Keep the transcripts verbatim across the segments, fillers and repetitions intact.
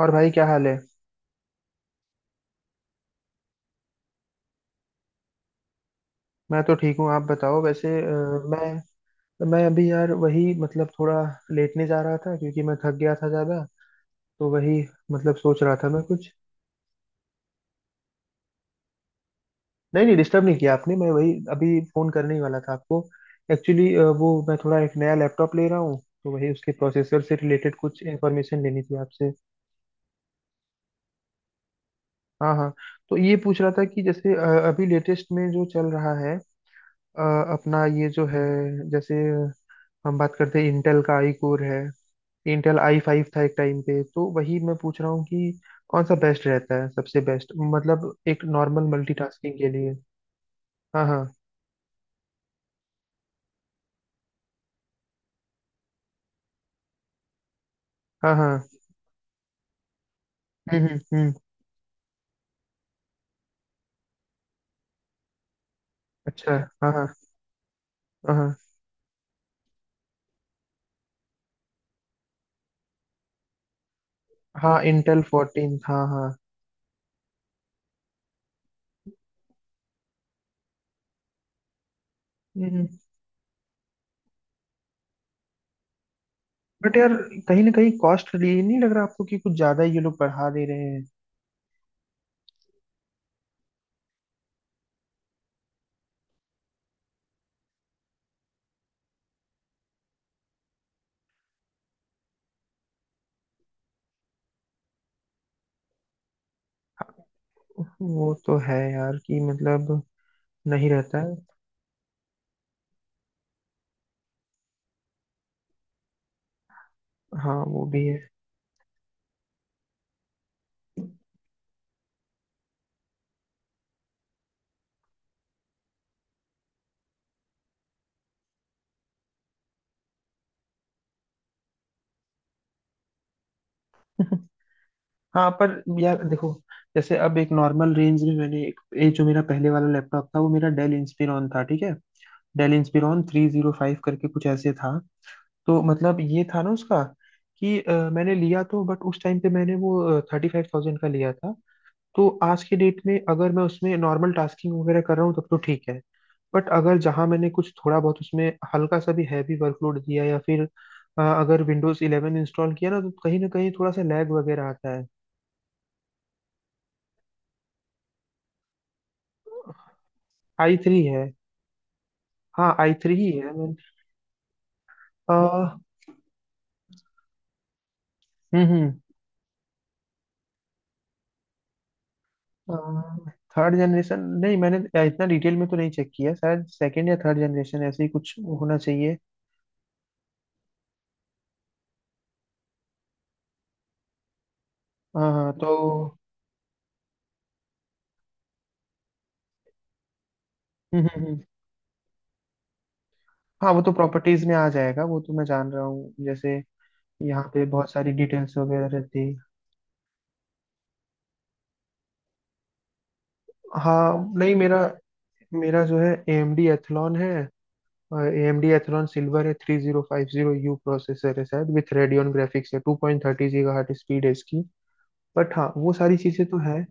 और भाई क्या हाल है। मैं तो ठीक हूँ, आप बताओ। वैसे, अ, मैं मैं अभी यार वही मतलब थोड़ा लेटने जा रहा था क्योंकि मैं थक गया था ज़्यादा। तो वही मतलब सोच रहा था मैं कुछ। नहीं नहीं, डिस्टर्ब नहीं किया आपने। मैं वही अभी फ़ोन करने ही वाला था आपको, एक्चुअली। वो मैं थोड़ा एक नया लैपटॉप ले रहा हूँ, तो वही उसके प्रोसेसर से रिलेटेड कुछ इन्फॉर्मेशन लेनी थी आपसे। हाँ हाँ। तो ये पूछ रहा था कि जैसे अ, अभी लेटेस्ट में जो चल रहा है, अ, अपना ये जो है, जैसे हम बात करते हैं इंटेल का आई कोर है। इंटेल आई फाइव था एक टाइम पे, तो वही मैं पूछ रहा हूँ कि कौन सा बेस्ट रहता है, सबसे बेस्ट मतलब एक नॉर्मल मल्टीटास्किंग के लिए। हाँ हाँ। हाँ हाँ। हम्म हम्म हम्म, अच्छा। हाँ हाँ। हाँ हाँ इंटेल फोर्टीन, हाँ हाँ। हम्म। बट यार कहीं ना कहीं कॉस्ट लिए नहीं लग रहा आपको कि कुछ ज्यादा ही ये लोग बढ़ा दे रहे हैं? वो तो है यार कि मतलब नहीं रहता है। हाँ वो भी है। हाँ पर। यार देखो, जैसे अब एक नॉर्मल रेंज में मैंने एक ये जो मेरा पहले वाला लैपटॉप था, वो मेरा डेल इंस्पिरॉन था, ठीक है। Dell Inspiron three zero five करके कुछ ऐसे था। तो मतलब ये था ना उसका कि अ, मैंने लिया तो, बट उस टाइम पे मैंने वो थर्टी फाइव थाउजेंड का लिया था। तो आज के डेट में अगर मैं उसमें नॉर्मल टास्किंग वगैरह कर रहा हूँ तब तो ठीक है, बट अगर जहाँ मैंने कुछ थोड़ा बहुत उसमें हल्का सा भी हैवी वर्कलोड दिया, या फिर अ, अगर विंडोज इलेवन इंस्टॉल किया ना, तो कहीं ना कहीं थोड़ा सा लैग वगैरह आता है। आई थ्री है। हाँ आई थ्री ही है मैंने। अ, हम्म हम्म। Third generation. नहीं मैंने इतना डिटेल में तो नहीं चेक किया, शायद सेकंड या थर्ड जनरेशन ऐसे ही कुछ होना चाहिए। हाँ हाँ तो। हम्म हम्म हम्म। हाँ वो तो प्रॉपर्टीज में आ जाएगा, वो तो मैं जान रहा हूँ, जैसे यहाँ पे बहुत सारी डिटेल्स वगैरह रहती है। हाँ नहीं, मेरा मेरा जो है ए एम डी एथलॉन है। A M D Athlon silver है, three zero five zero U processor है शायद, विथ रेडियन ग्राफिक्स है, two point thirty gigahertz speed है इसकी। बट हाँ वो सारी चीजें तो है।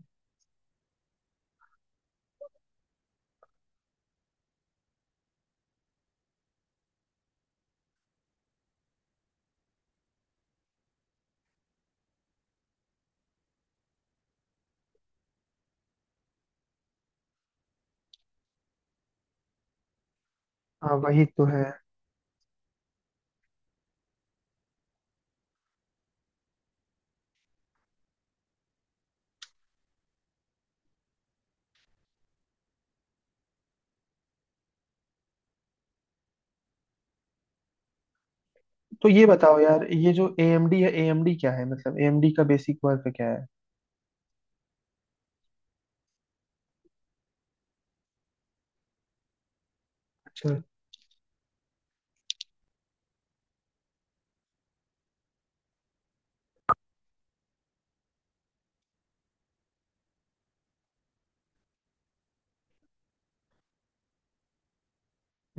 हाँ वही तो है। तो ये बताओ यार, ये जो एएमडी है, ए एम डी क्या है, मतलब ए एम डी का बेसिक वर्क क्या है? अच्छा।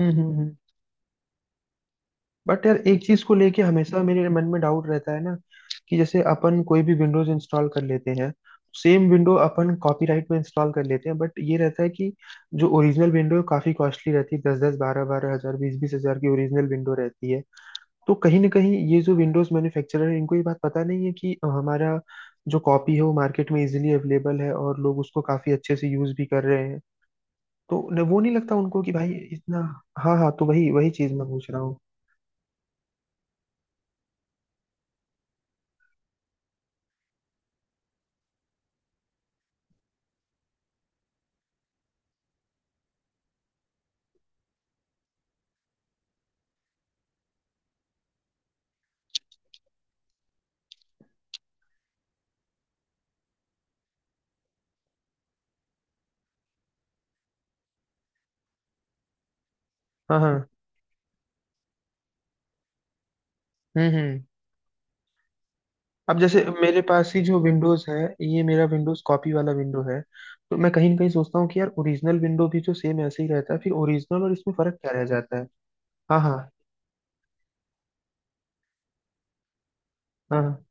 हम्म हम्म हम्म। बट यार एक चीज को लेके हमेशा मेरे मन में डाउट रहता है ना, कि जैसे अपन कोई भी विंडोज इंस्टॉल कर लेते हैं, सेम विंडो अपन कॉपीराइट में इंस्टॉल कर लेते हैं, बट ये रहता है कि जो ओरिजिनल विंडो है काफी कॉस्टली रहती है। दस दस बारह बारह हजार, बीस बीस हजार की ओरिजिनल विंडो रहती है। तो कहीं ना कहीं ये जो विंडोज मैन्युफैक्चरर है, इनको ये बात पता नहीं है कि हमारा जो कॉपी है वो मार्केट में इजीली अवेलेबल है, और लोग उसको काफी अच्छे से यूज भी कर रहे हैं। तो न, वो नहीं लगता उनको कि भाई इतना। हाँ हाँ, तो वही वही चीज मैं पूछ रहा हूँ। हाँ हाँ। हम्म हम्म। अब जैसे मेरे पास ही जो विंडोज है, ये मेरा विंडोज कॉपी वाला विंडो है। तो मैं कहीं ना कहीं सोचता हूँ कि यार ओरिजिनल विंडो भी तो सेम ऐसे ही रहता है, फिर ओरिजिनल और इसमें फर्क क्या रह जाता है? हाँ हाँ। हाँ हाँ।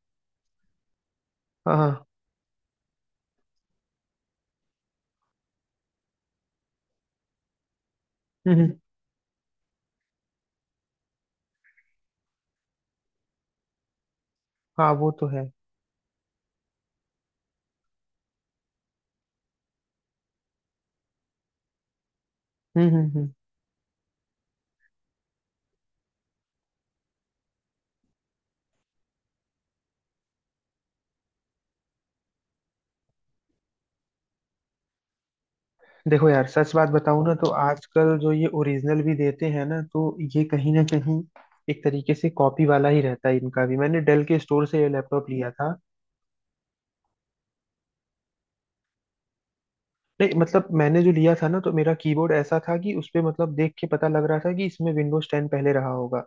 हाँ हाँ। हम्म हम्म, हाँ वो तो है। हम्म हम्म हम्म। देखो यार सच बात बताऊं ना, तो आजकल जो ये ओरिजिनल भी देते हैं ना, तो ये कहीं ना कहीं एक तरीके से कॉपी वाला ही रहता है इनका भी। मैंने डेल के स्टोर से ये लैपटॉप लिया था। नहीं मतलब, मैंने जो लिया था ना, तो मेरा कीबोर्ड ऐसा था कि उस पे मतलब देख के पता लग रहा था कि इसमें विंडोज टेन पहले रहा होगा।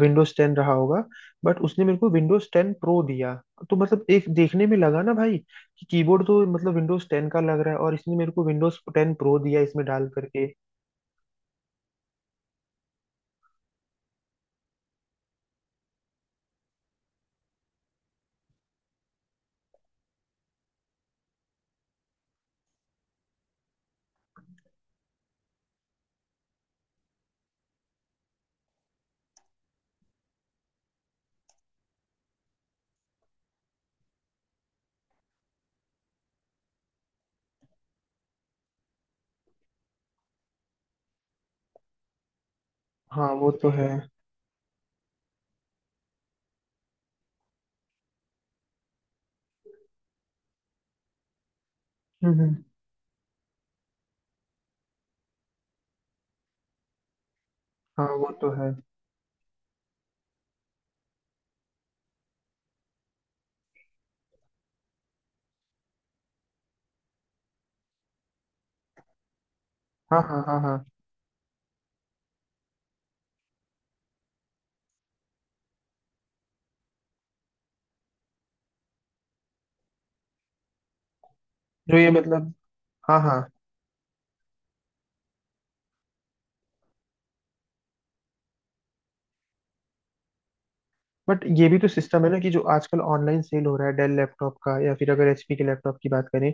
विंडोज टेन रहा होगा, बट उसने मेरे को विंडोज टेन प्रो दिया। तो मतलब एक देखने में लगा ना भाई, कि कीबोर्ड तो मतलब विंडोज टेन का लग रहा है, और इसने मेरे को विंडोज टेन प्रो दिया इसमें डाल करके। हाँ वो तो है। हम्म हम्म। हाँ वो तो है। हाँ हाँ। हाँ हाँ। जो ये मतलब। हाँ हाँ। बट ये भी तो सिस्टम है ना, कि जो आजकल ऑनलाइन सेल हो रहा है डेल लैपटॉप का, या फिर अगर एच पी के लैपटॉप की बात करें,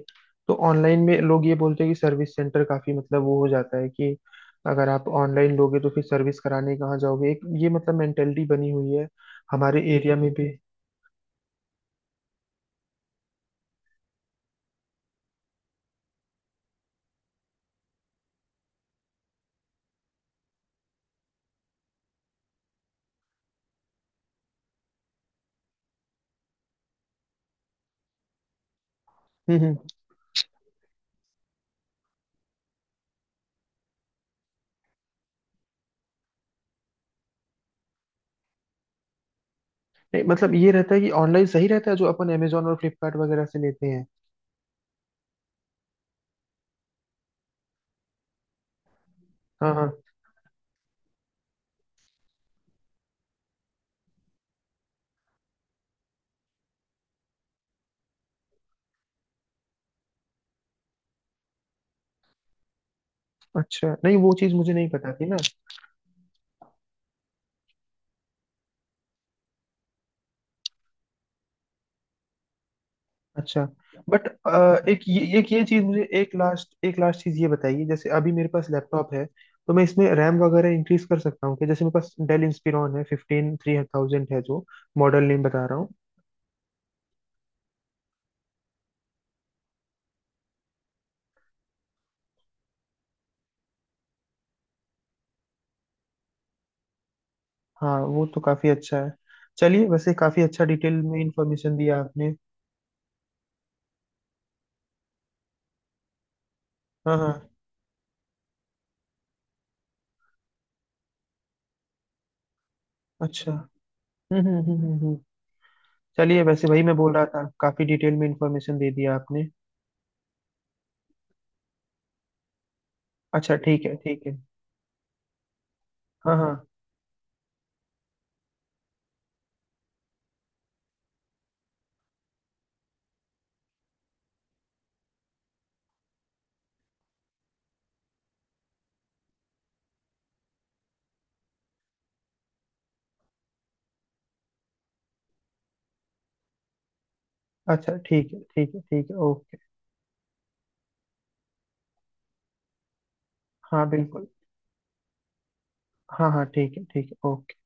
तो ऑनलाइन में लोग ये बोलते हैं कि सर्विस सेंटर काफी, मतलब वो हो जाता है कि अगर आप ऑनलाइन लोगे तो फिर सर्विस कराने कहाँ जाओगे। एक ये मतलब मेंटेलिटी बनी हुई है हमारे एरिया में भी। हम्म हम्म। नहीं, मतलब ये रहता है कि ऑनलाइन सही रहता है जो अपन अमेजोन और फ्लिपकार्ट वगैरह से लेते हैं। हाँ हाँ। अच्छा, नहीं वो चीज़ मुझे नहीं पता थी ना। अच्छा। बट एक ये एक ये चीज मुझे, एक लास्ट एक लास्ट चीज ये बताइए, जैसे अभी मेरे पास लैपटॉप है, तो मैं इसमें रैम वगैरह इंक्रीज कर सकता हूँ? कि जैसे मेरे पास डेल इंस्पिरॉन है, फिफ्टीन थ्री थाउजेंड है, जो मॉडल नेम बता रहा हूँ। हाँ वो तो काफी अच्छा है। चलिए, वैसे काफी अच्छा डिटेल में इंफॉर्मेशन दिया आपने। हाँ हाँ। अच्छा। हम्म हम्म हम्म हम्म हम्म। चलिए, वैसे वही मैं बोल रहा था, काफी डिटेल में इंफॉर्मेशन दे दिया आपने। अच्छा ठीक है ठीक है। हाँ हाँ। अच्छा ठीक है ठीक है ठीक है, ओके। हाँ बिल्कुल। हाँ हाँ ठीक है ठीक है, ओके।